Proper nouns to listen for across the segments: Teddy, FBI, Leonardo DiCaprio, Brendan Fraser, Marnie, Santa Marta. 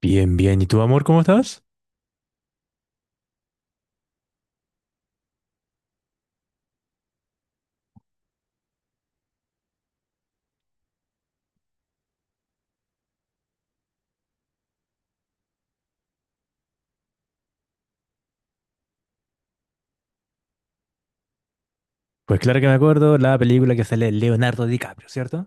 Bien, bien. ¿Y tú, amor, cómo estás? Pues claro que me acuerdo la película que sale Leonardo DiCaprio, cierto.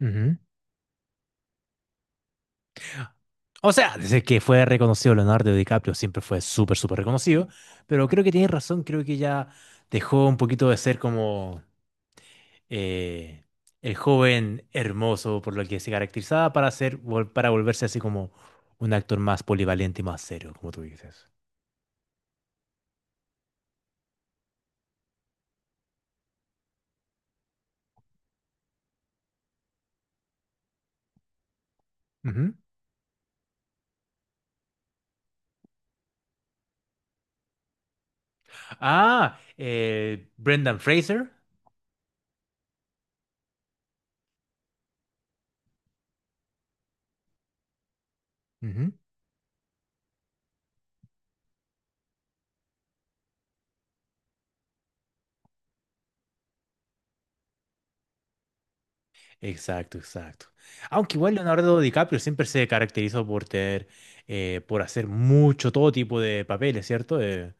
Ujú. O sea, desde que fue reconocido Leonardo DiCaprio, siempre fue súper, súper reconocido, pero creo que tienes razón, creo que ya dejó un poquito de ser como eh, el joven hermoso por lo que se caracterizaba para ser, para volverse así como un actor más polivalente y más serio, como tú dices. Ujú. Ah, Brendan Fraser. Exacto, exacto. Aunque igual Leonardo DiCaprio siempre se caracterizó por tener, por hacer mucho todo tipo de papeles, ¿cierto?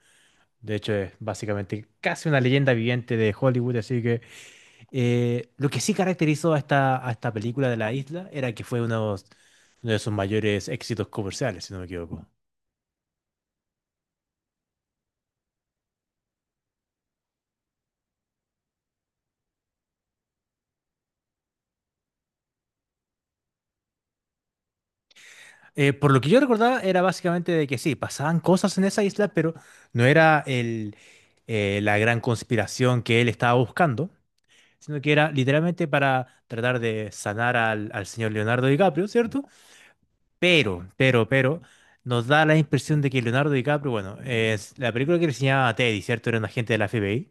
De hecho, es básicamente casi una leyenda viviente de Hollywood, así que lo que sí caracterizó a esta película de La Isla era que fue uno, uno de sus mayores éxitos comerciales, si no me equivoco. Por lo que yo recordaba era básicamente de que sí, pasaban cosas en esa isla, pero no era el, la gran conspiración que él estaba buscando, sino que era literalmente para tratar de sanar al, al señor Leonardo DiCaprio, ¿cierto? Pero nos da la impresión de que Leonardo DiCaprio, bueno, es la película que le enseñaba a Teddy, ¿cierto? Era un agente de la FBI.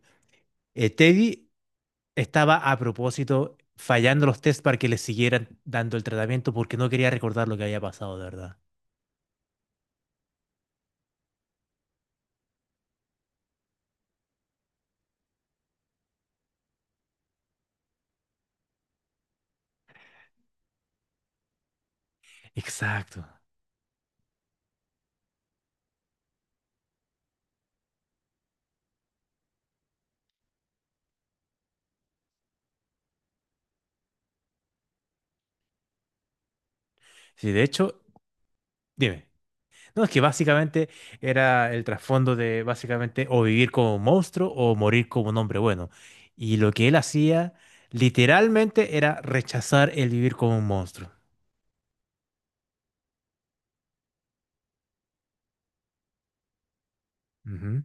Teddy estaba a propósito fallando los tests para que le siguieran dando el tratamiento porque no quería recordar lo que había pasado, de verdad. Exacto. Sí, de hecho, dime. No, es que básicamente era el trasfondo de básicamente o vivir como un monstruo o morir como un hombre bueno. Y lo que él hacía literalmente era rechazar el vivir como un monstruo. Ujú.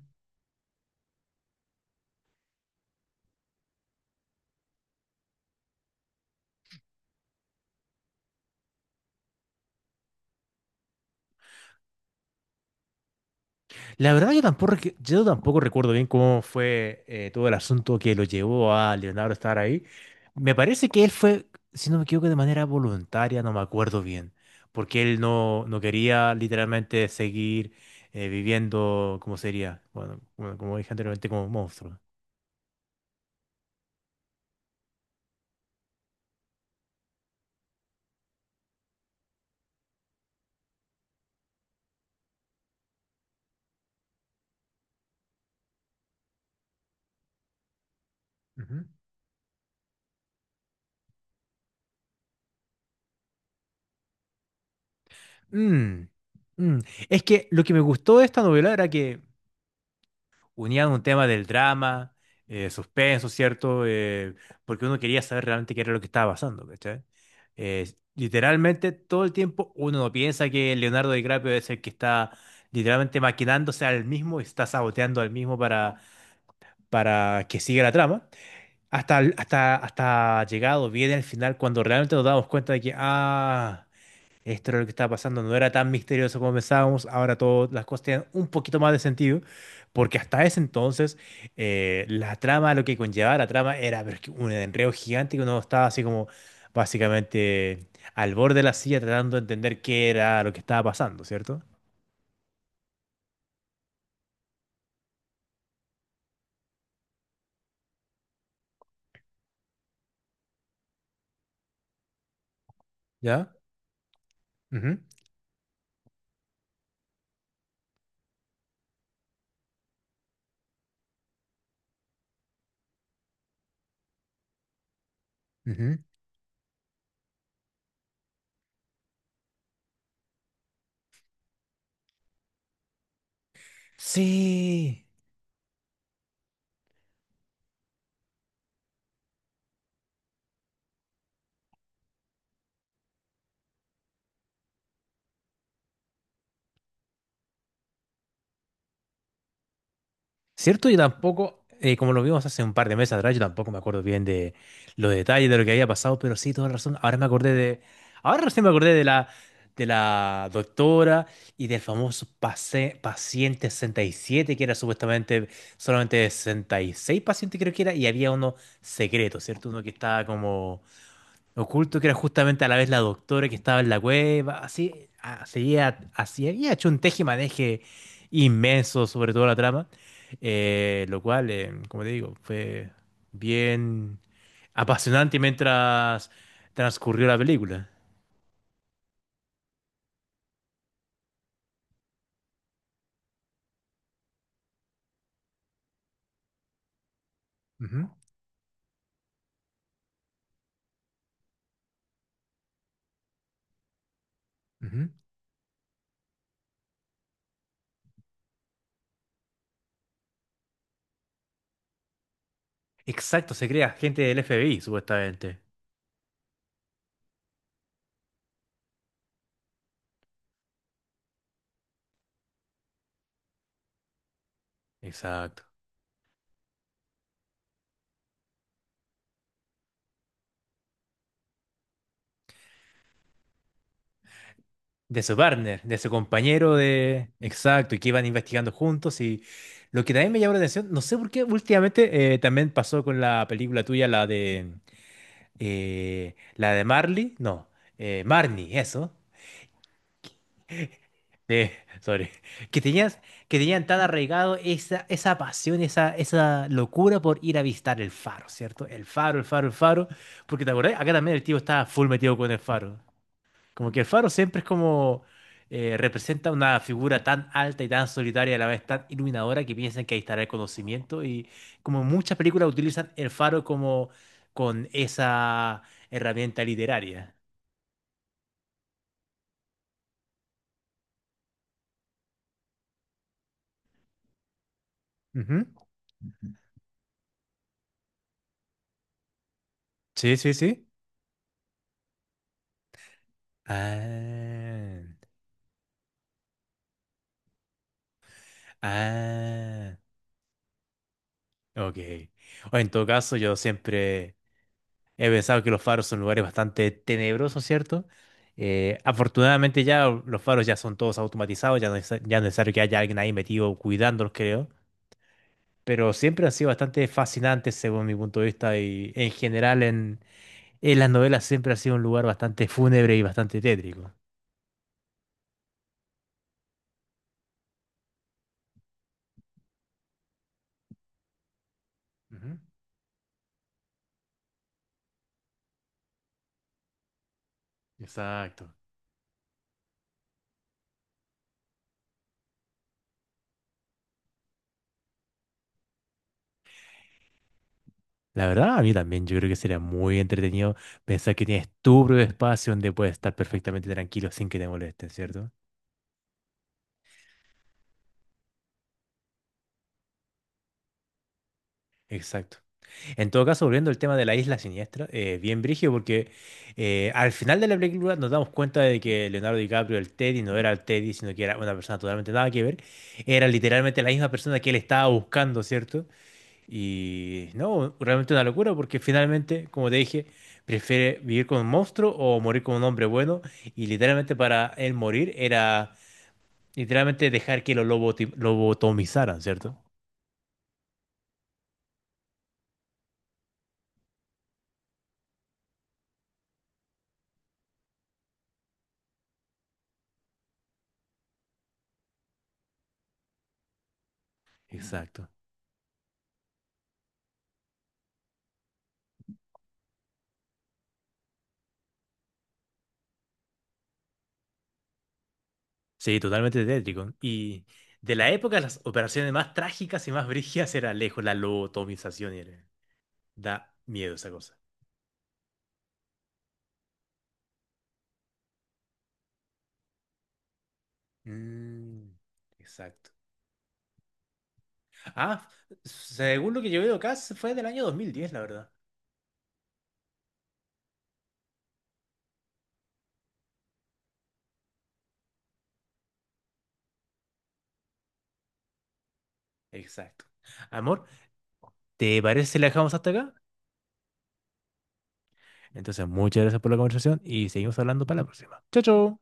La verdad yo tampoco, yo tampoco recuerdo bien cómo fue todo el asunto que lo llevó a Leonardo a estar ahí. Me parece que él fue, si no me equivoco, de manera voluntaria, no me acuerdo bien, porque él no, no quería literalmente seguir viviendo, ¿cómo sería? Bueno, bueno, como dije anteriormente, como monstruo. Ujú. Mm, mm. Es que lo que me gustó de esta novela era que unían un tema del drama, suspenso, ¿cierto? Porque uno quería saber realmente qué era lo que estaba pasando, ¿cachai? Literalmente todo el tiempo uno no piensa que Leonardo DiCaprio es el que está literalmente maquinándose al mismo, está saboteando al mismo para que siga la trama, hasta llegado bien al final cuando realmente nos damos cuenta de que, ah, esto era lo que estaba pasando, no era tan misterioso como pensábamos, ahora todas las cosas tienen un poquito más de sentido, porque hasta ese entonces la trama, lo que conllevaba la trama era pero es que un enredo gigante que uno estaba así como básicamente al borde de la silla tratando de entender qué era lo que estaba pasando, ¿cierto? ¿Ya? Ujú, ujú. Sí. ¿Cierto? Y tampoco, como lo vimos hace un par de meses atrás, yo tampoco me acuerdo bien de los detalles de lo que había pasado, pero sí, toda razón. Ahora me acordé de. Ahora recién me acordé de la doctora y del famoso paciente 67, que era supuestamente solamente 66 pacientes, creo que era, y había uno secreto, ¿cierto? Uno que estaba como oculto, que era justamente a la vez la doctora que estaba en la cueva, así, ah, seguía, así, había hecho un tejimaneje inmenso sobre toda la trama, lo cual, como te digo, fue bien apasionante mientras transcurrió la película. Ujú, ujú. Exacto, se crea gente del FBI, supuestamente. Exacto. De su partner, de su compañero de... Exacto, y que iban investigando juntos y lo que también me llamó la atención, no sé por qué últimamente también pasó con la película tuya, la de Marley, no, Marnie, eso. eh, sorry. Que tenías, que tenían tan arraigado esa, esa pasión, esa locura por ir a visitar el faro, ¿cierto? El faro, el faro, el faro. Porque te acordás, acá también el tío estaba full metido con el faro. Como que el faro siempre es como representa una figura tan alta y tan solitaria, a la vez tan iluminadora, que piensan que ahí estará el conocimiento. Y como en muchas películas utilizan el faro como con esa herramienta literaria. Ujú. Sí, sí, sí. Ah, ah, ok. O en todo caso, yo siempre he pensado que los faros son lugares bastante tenebrosos, ¿cierto? Afortunadamente ya los faros ya son todos automatizados, ya no es necesario que haya alguien ahí metido cuidándolos, creo. Pero siempre han sido bastante fascinantes según mi punto de vista y en general en las novelas siempre ha sido un lugar bastante fúnebre y bastante tétrico. Ujú. Exacto. La verdad, a mí también yo creo que sería muy entretenido pensar que tienes tu propio espacio donde puedes estar perfectamente tranquilo sin que te molesten, ¿cierto? Exacto. En todo caso, volviendo al tema de la isla siniestra, bien brígido, porque al final de la película nos damos cuenta de que Leonardo DiCaprio, el Teddy, no era el Teddy, sino que era una persona totalmente nada que ver. Era literalmente la misma persona que él estaba buscando, ¿cierto? Y no, realmente una locura, porque finalmente, como te dije, prefiere vivir con un monstruo o morir con un hombre bueno. Y literalmente para él morir era literalmente dejar que lo lobotomizaran, ¿cierto? Exacto. Sí, totalmente tétrico. Y de la época, las operaciones más trágicas y más brígidas era lejos la lobotomización. Da miedo esa cosa. Mm, exacto. Ah, según lo que yo veo acá, se fue del año 2010, la verdad. Exacto. Amor, ¿te parece si la dejamos hasta acá? Entonces, muchas gracias por la conversación y seguimos hablando para la próxima. Chao, chao.